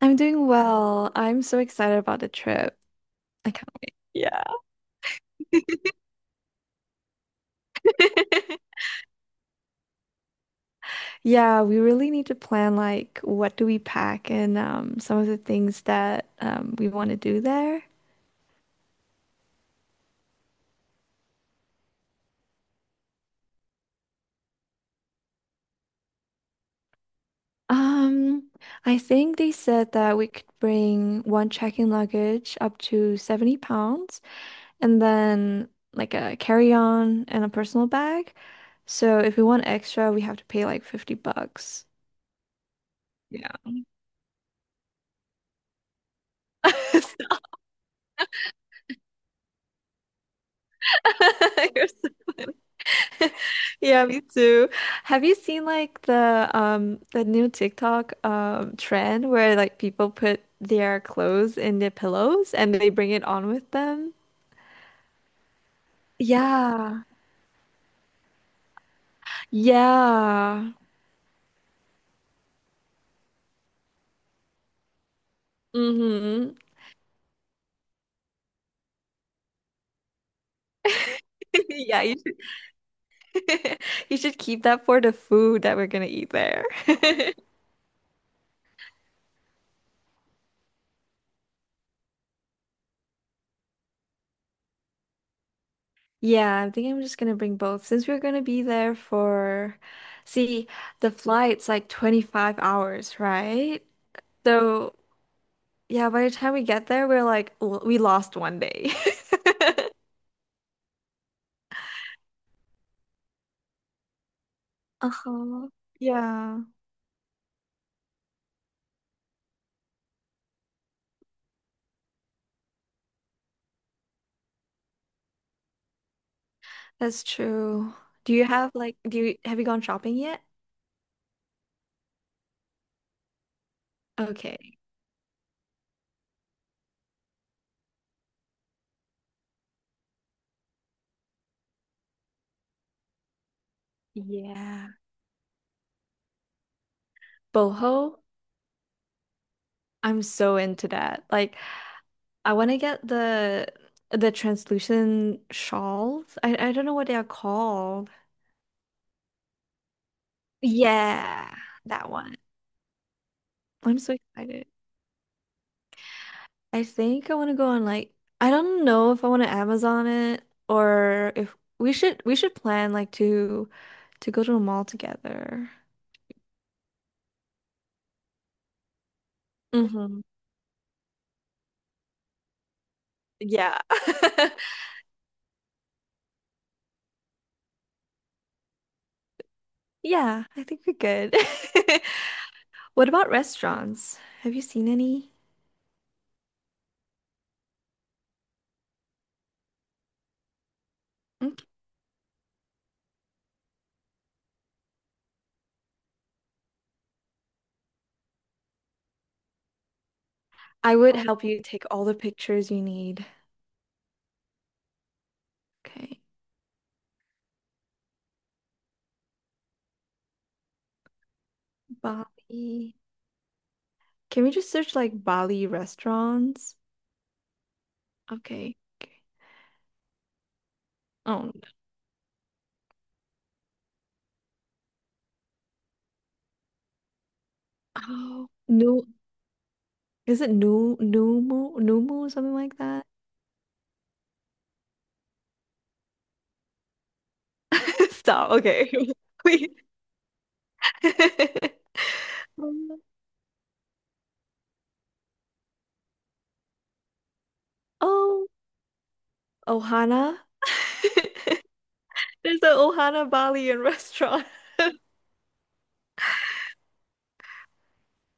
I'm doing well. I'm so excited about the trip. I can't wait. Yeah. Yeah, we really need to plan like what do we pack and some of the things that we want to do there. Um, I think they said that we could bring one check-in luggage up to 70 pounds and then like a carry-on and a personal bag. So if we want extra, we have to pay like 50 bucks. Yeah. Yeah, me too. Have you seen like the new TikTok trend where like people put their clothes in their pillows and they bring it on with them? Yeah. Yeah. Mm-hmm. Yeah, you should you should keep that for the food that we're gonna eat there. Yeah, I think I'm just gonna bring both since we're gonna be there for, see, the flight's like 25 hours, right? So yeah, by the time we get there, we're like, "L- we lost one day." Uh-huh. Yeah, that's true. Do you have like, do you have you gone shopping yet? Okay. Yeah. Boho, I'm so into that. Like, I want to get the translucent shawls. I don't know what they are called. Yeah, that one. I'm so excited. I think I want to go on like I don't know if I want to Amazon it or if we should plan like to go to a mall together. Hmm. Yeah. Yeah, I think we're good. What about restaurants? Have you seen any? Mm. I would help you take all the pictures you need. Okay. Bali. Can we just search like Bali restaurants? Okay. Okay. Oh, no. Oh, no. Is it new Numu Numu something like that? Stop. Okay. Wait. Um, oh, Ohana. There's an Ohana Balian restaurant.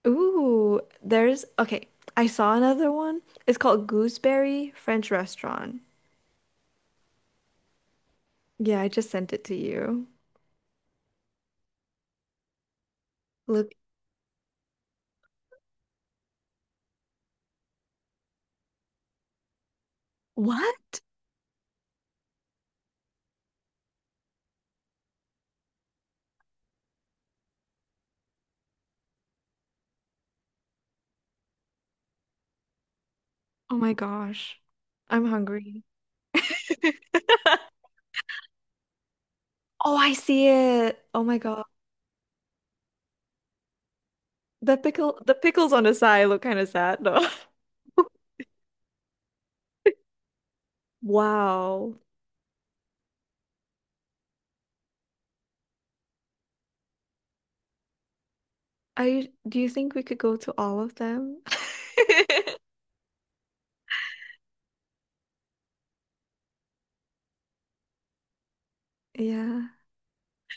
Ooh, there's okay. I saw another one. It's called Gooseberry French Restaurant. Yeah, I just sent it to you. Look, what? Oh my gosh. I'm hungry. Oh, I see it. Oh my God. The pickles on his eye look kind of sad, though. Wow. I do you think we could go to all of them? Yeah.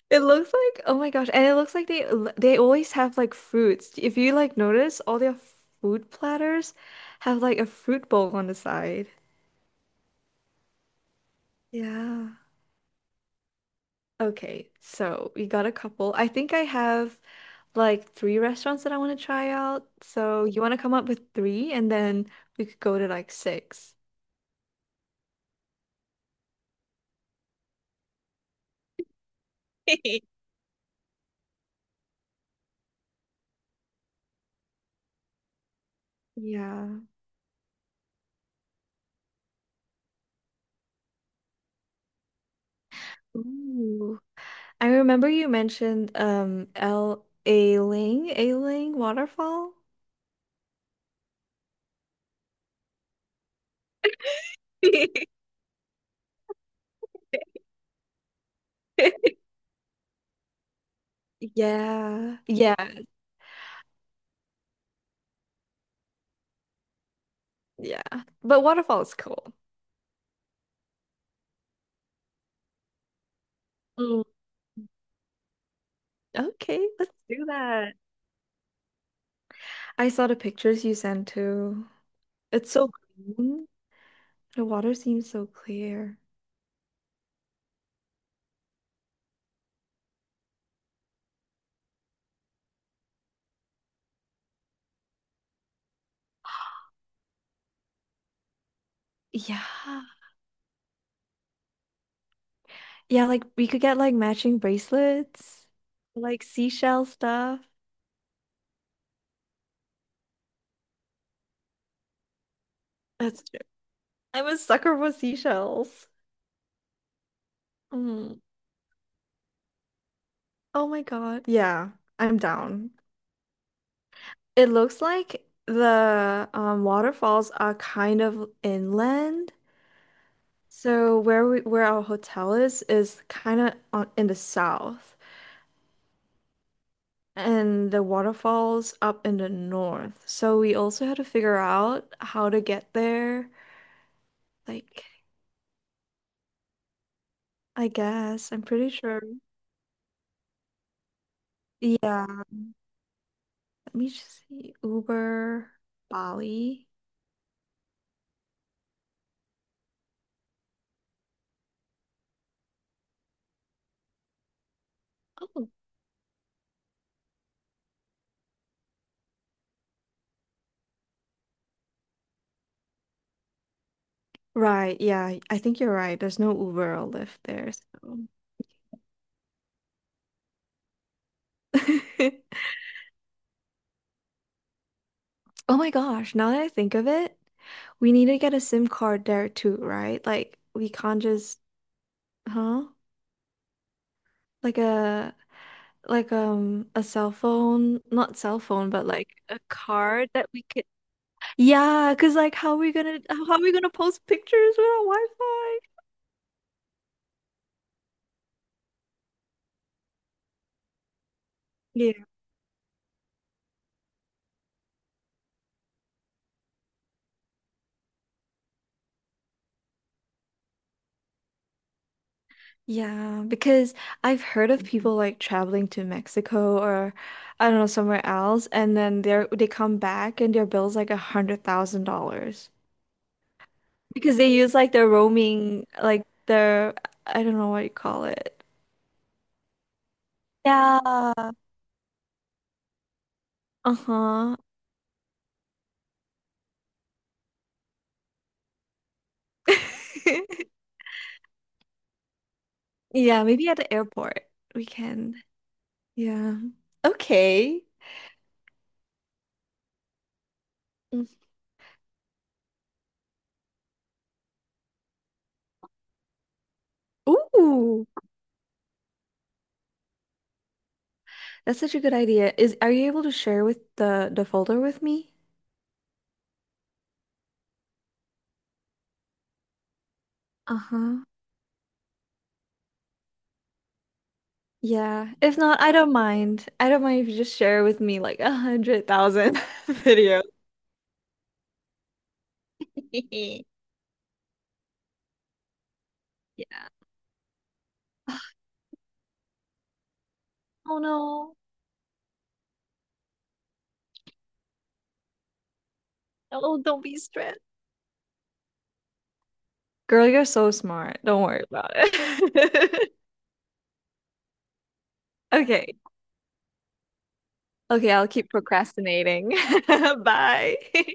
It looks like oh my gosh, and it looks like they always have like fruits. If you like notice, all their food platters have like a fruit bowl on the side. Yeah. Okay, so we got a couple. I think I have like 3 restaurants that I want to try out. So you want to come up with three and then we could go to like six. Yeah. Ooh. I remember you mentioned L A Ling, A Ling waterfall. Yeah. Yeah. Yeah. But waterfall is cool. Mm. Okay, let's do that. I saw the pictures you sent too. It's so green. The water seems so clear. Yeah. Yeah, like we could get like matching bracelets, like seashell stuff. That's true. I'm a sucker for seashells. Mm. Oh my God. Yeah, I'm down. It looks like the waterfalls are kind of inland. So where our hotel is kind of on in the south and the waterfalls up in the north. So we also had to figure out how to get there. Like I guess I'm pretty sure. Yeah, let me just see Uber Bali. Oh. Right, yeah, I think you're right. There's no Uber or Lyft there, so. Oh my gosh, now that I think of it, we need to get a SIM card there too, right? Like we can't just, huh? Like a like a cell phone, not cell phone, but like a card that we could. Yeah, 'cause like how are we gonna post pictures without Wi-Fi? Yeah. Yeah, because I've heard of people like traveling to Mexico or I don't know, somewhere else, and then they come back and their bill's like $100,000. Because they use like their roaming, like their, I don't know what you call it. Yeah. Uh-huh. Yeah, maybe at the airport we can. Yeah. Okay. Mm. Ooh, that's such a good idea. Is are you able to share with the folder with me? Uh-huh. Yeah. If not, I don't mind. I don't mind if you just share with me like 100,000 videos. Yeah. Oh no. Oh, don't be stressed. Girl, you're so smart. Don't worry about it. Okay. Okay, I'll keep procrastinating. Bye.